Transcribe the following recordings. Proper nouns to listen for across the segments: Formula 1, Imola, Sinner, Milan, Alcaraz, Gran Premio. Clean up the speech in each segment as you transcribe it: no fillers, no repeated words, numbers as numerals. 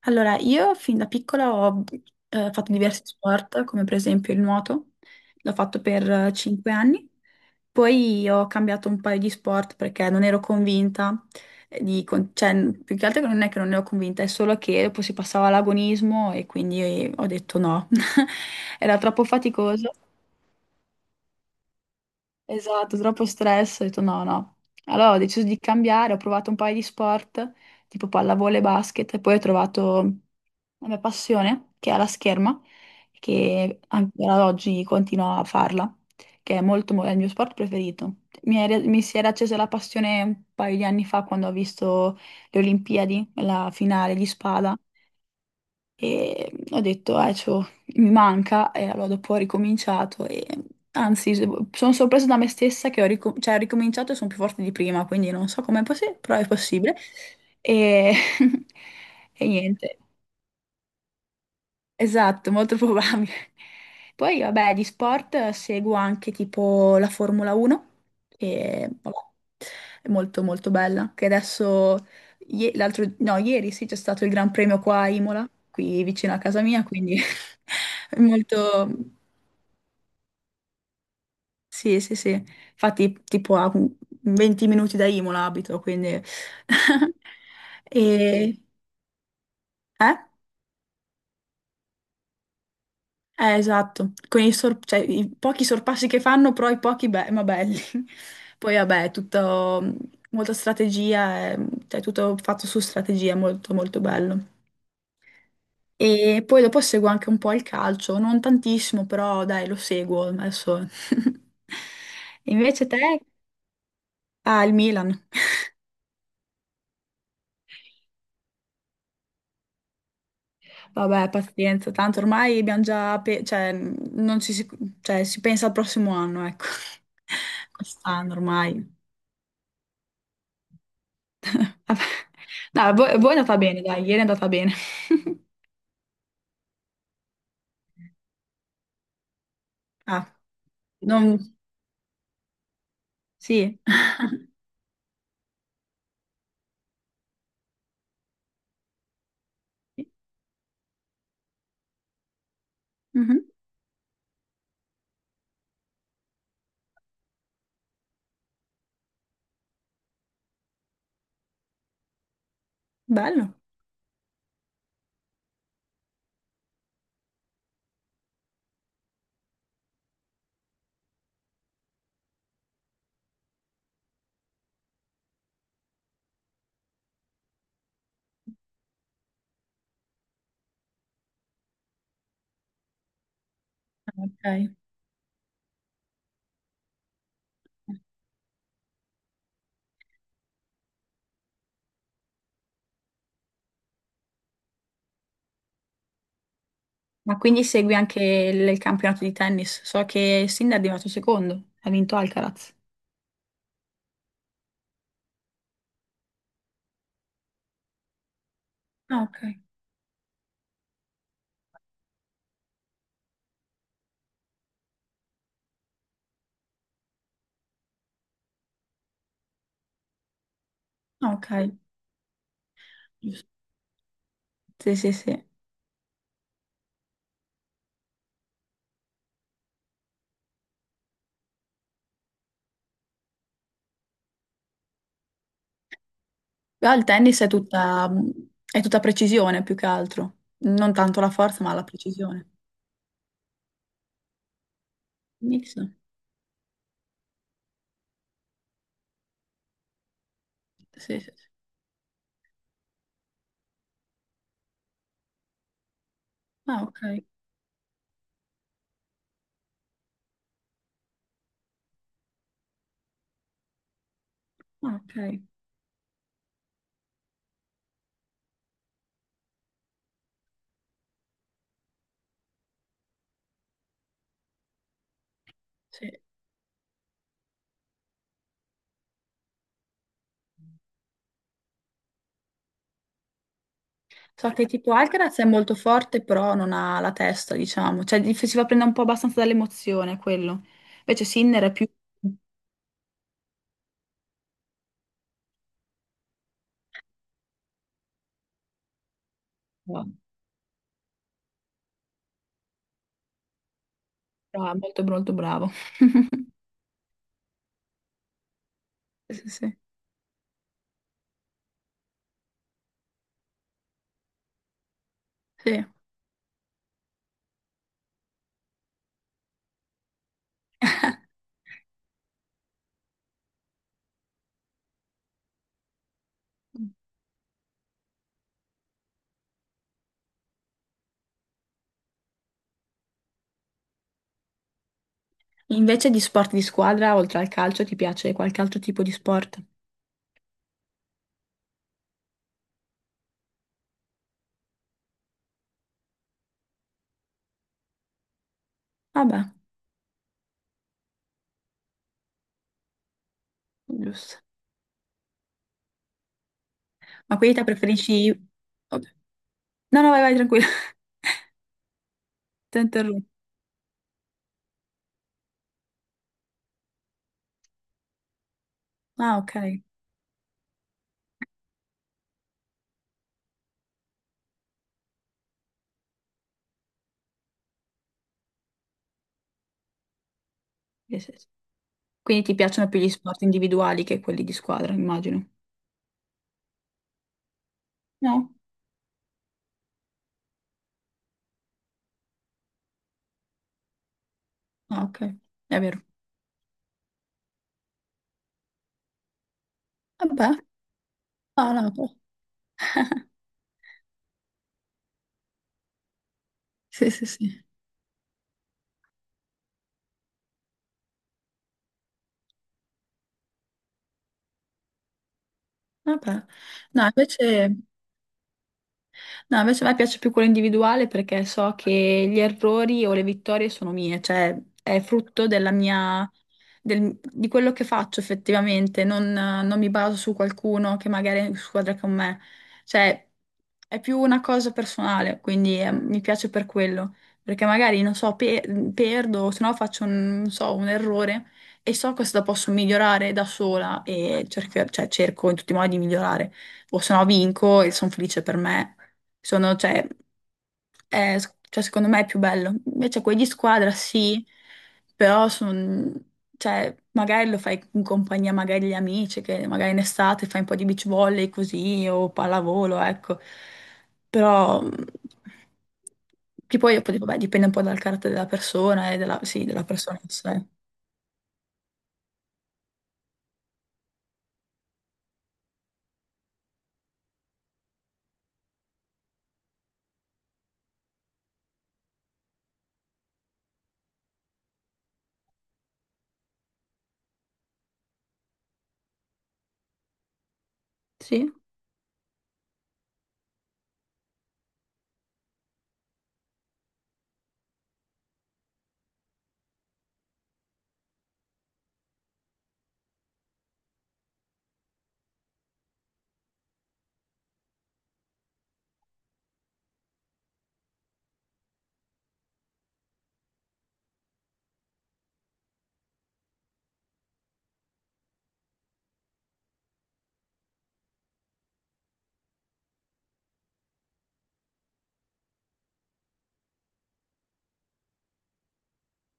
Allora, io fin da piccola ho fatto diversi sport, come per esempio il nuoto, l'ho fatto per 5 anni, poi ho cambiato un paio di sport perché non ero convinta, di con- cioè, n- più che altro che non è che non ne ero convinta, è solo che dopo si passava all'agonismo e quindi ho detto no, era troppo faticoso, esatto, troppo stress, ho detto no, no. Allora ho deciso di cambiare, ho provato un paio di sport, tipo pallavolo e basket, e poi ho trovato la mia passione, che è la scherma, che ancora ad oggi continuo a farla, che è è il mio sport preferito. Mi si era accesa la passione un paio di anni fa quando ho visto le Olimpiadi, la finale di spada, e ho detto, mi manca, e allora dopo ho ricominciato, e anzi, sono sorpresa da me stessa che ho ricominciato e sono più forte di prima, quindi non so com'è possibile, però è possibile. E, e niente. Esatto, molto probabile. Poi, vabbè, di sport seguo anche tipo la Formula 1, che vabbè, è molto molto bella, che adesso, ie- l'altro, no, ieri sì, c'è stato il Gran Premio qua a Imola, qui vicino a casa mia, quindi è molto... Sì, sì, sì. Infatti, tipo a 20 minuti da Imola abito, quindi... E... Eh? Esatto, con i, sor- cioè, i pochi sorpassi che fanno, però i pochi ma belli. Poi vabbè, è tutto molta strategia, cioè tutto fatto su strategia, è molto molto bello. E poi dopo seguo anche un po' il calcio, non tantissimo, però dai, lo seguo adesso. Invece te? Ah, il Milan. Vabbè, pazienza, tanto ormai abbiamo già, pe- cioè, non ci si, cioè, si pensa al prossimo anno, ecco. Quest'anno ormai. Vabbè. No, a voi è andata bene, dai, ieri è andata bene. Ah, non... Sì. Mhm. Bello. Ok. Ma quindi segui anche il campionato di tennis? So che Sinner è arrivato secondo, ha vinto Alcaraz. Ah, ok. Ah, ok, giusto. Sì, sì, sì. Però il tennis è è tutta precisione più che altro, non tanto la forza ma la precisione. Mix. Sì, sì, sì. Ah, ok. Ah, ok. Sì. So che tipo Alcaraz è molto forte, però non ha la testa, diciamo. Cioè, gli faceva prendere un po' abbastanza dall'emozione quello. Invece Sinner è più... Bravo, molto, molto bravo. Sì, sì, sì. Sì. Invece di sport di squadra, oltre al calcio, ti piace qualche altro tipo di sport? Vabbè, giusto. Ma quindi te preferisci... Ok. No, no, vai, vai, tranquilla. Ti interrompo. Ah, ok. Sì, sì, sì. Quindi ti piacciono più gli sport individuali che quelli di squadra, immagino. No? Ah, ok. È vero. Vabbè, no, no, sì, sì, sì. Vabbè. No, invece, No, invece a me piace più quello individuale perché so che gli errori o le vittorie sono mie, cioè è frutto di quello che faccio effettivamente, non mi baso su qualcuno che magari è in squadra con me, cioè è più una cosa personale, quindi mi piace per quello, perché magari non so, perdo, o se no faccio un, non so, un errore e so cosa posso migliorare da sola e cerco, cioè, cerco in tutti i modi di migliorare, o se no vinco e sono felice per me sono, cioè, è- cioè, secondo me è più bello. Invece quelli di squadra sì, però sono, cioè, magari lo fai in compagnia magari degli amici, che magari in estate fai un po' di beach volley così o pallavolo, ecco. Però che poi, vabbè, dipende un po' dal carattere della persona e della persona in sé. Sì,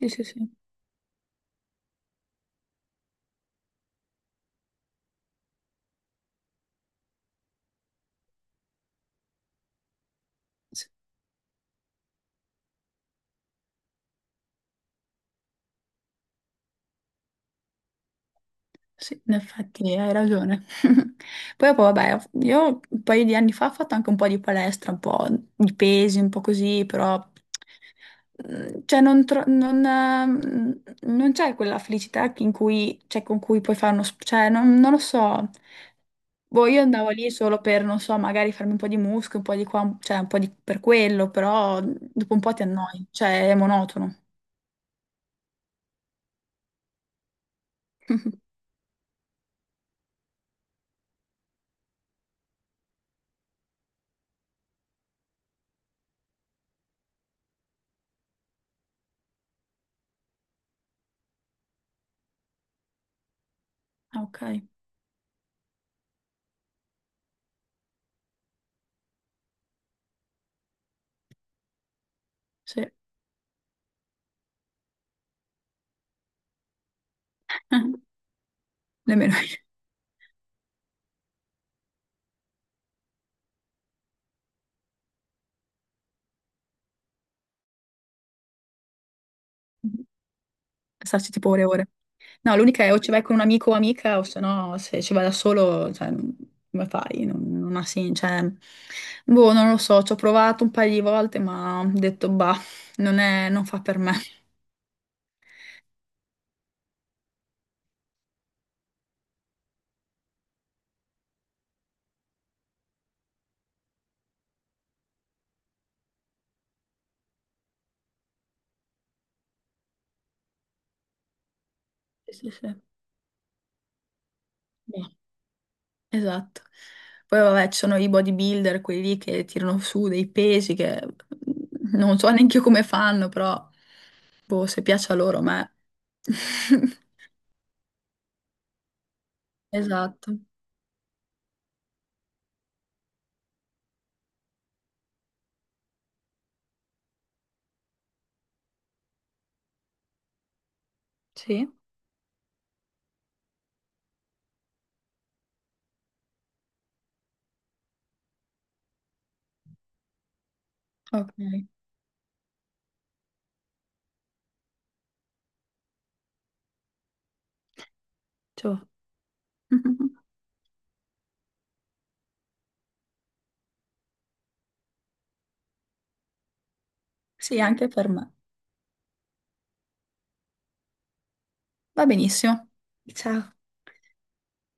sì, sì, sì. Sì, in effetti hai ragione. Poi, poi, vabbè, io un paio di anni fa ho fatto anche un po' di palestra, un po' di pesi, un po' così, però mm, cioè, non, tro- non, non c'è quella felicità in cui, cioè, con cui puoi fare uno... Cioè, non lo so. Boh, io andavo lì solo per, non so, magari farmi un po' di muscolo, un po' di qua, cioè un po' di, per quello, però dopo un po' ti annoi, cioè è monotono. Ah, ok, sì. Nemmeno io. Starci tipo ore e ore. No, l'unica è o ci vai con un amico o amica, o se no, se ci vai da solo, cioè, come fai? Non, non ha cioè, boh, non lo so, ci ho provato un paio di volte, ma ho detto, bah, non è, non fa per me. Sì, sì, sì. Boh, esatto. Poi vabbè, ci sono i bodybuilder, quelli lì che tirano su dei pesi che mhmm, non so neanche io come fanno, però, boh, se piace a loro, a me. Esatto. Sì? Ok, ciao. Sì, anche per me. Va benissimo. Ciao.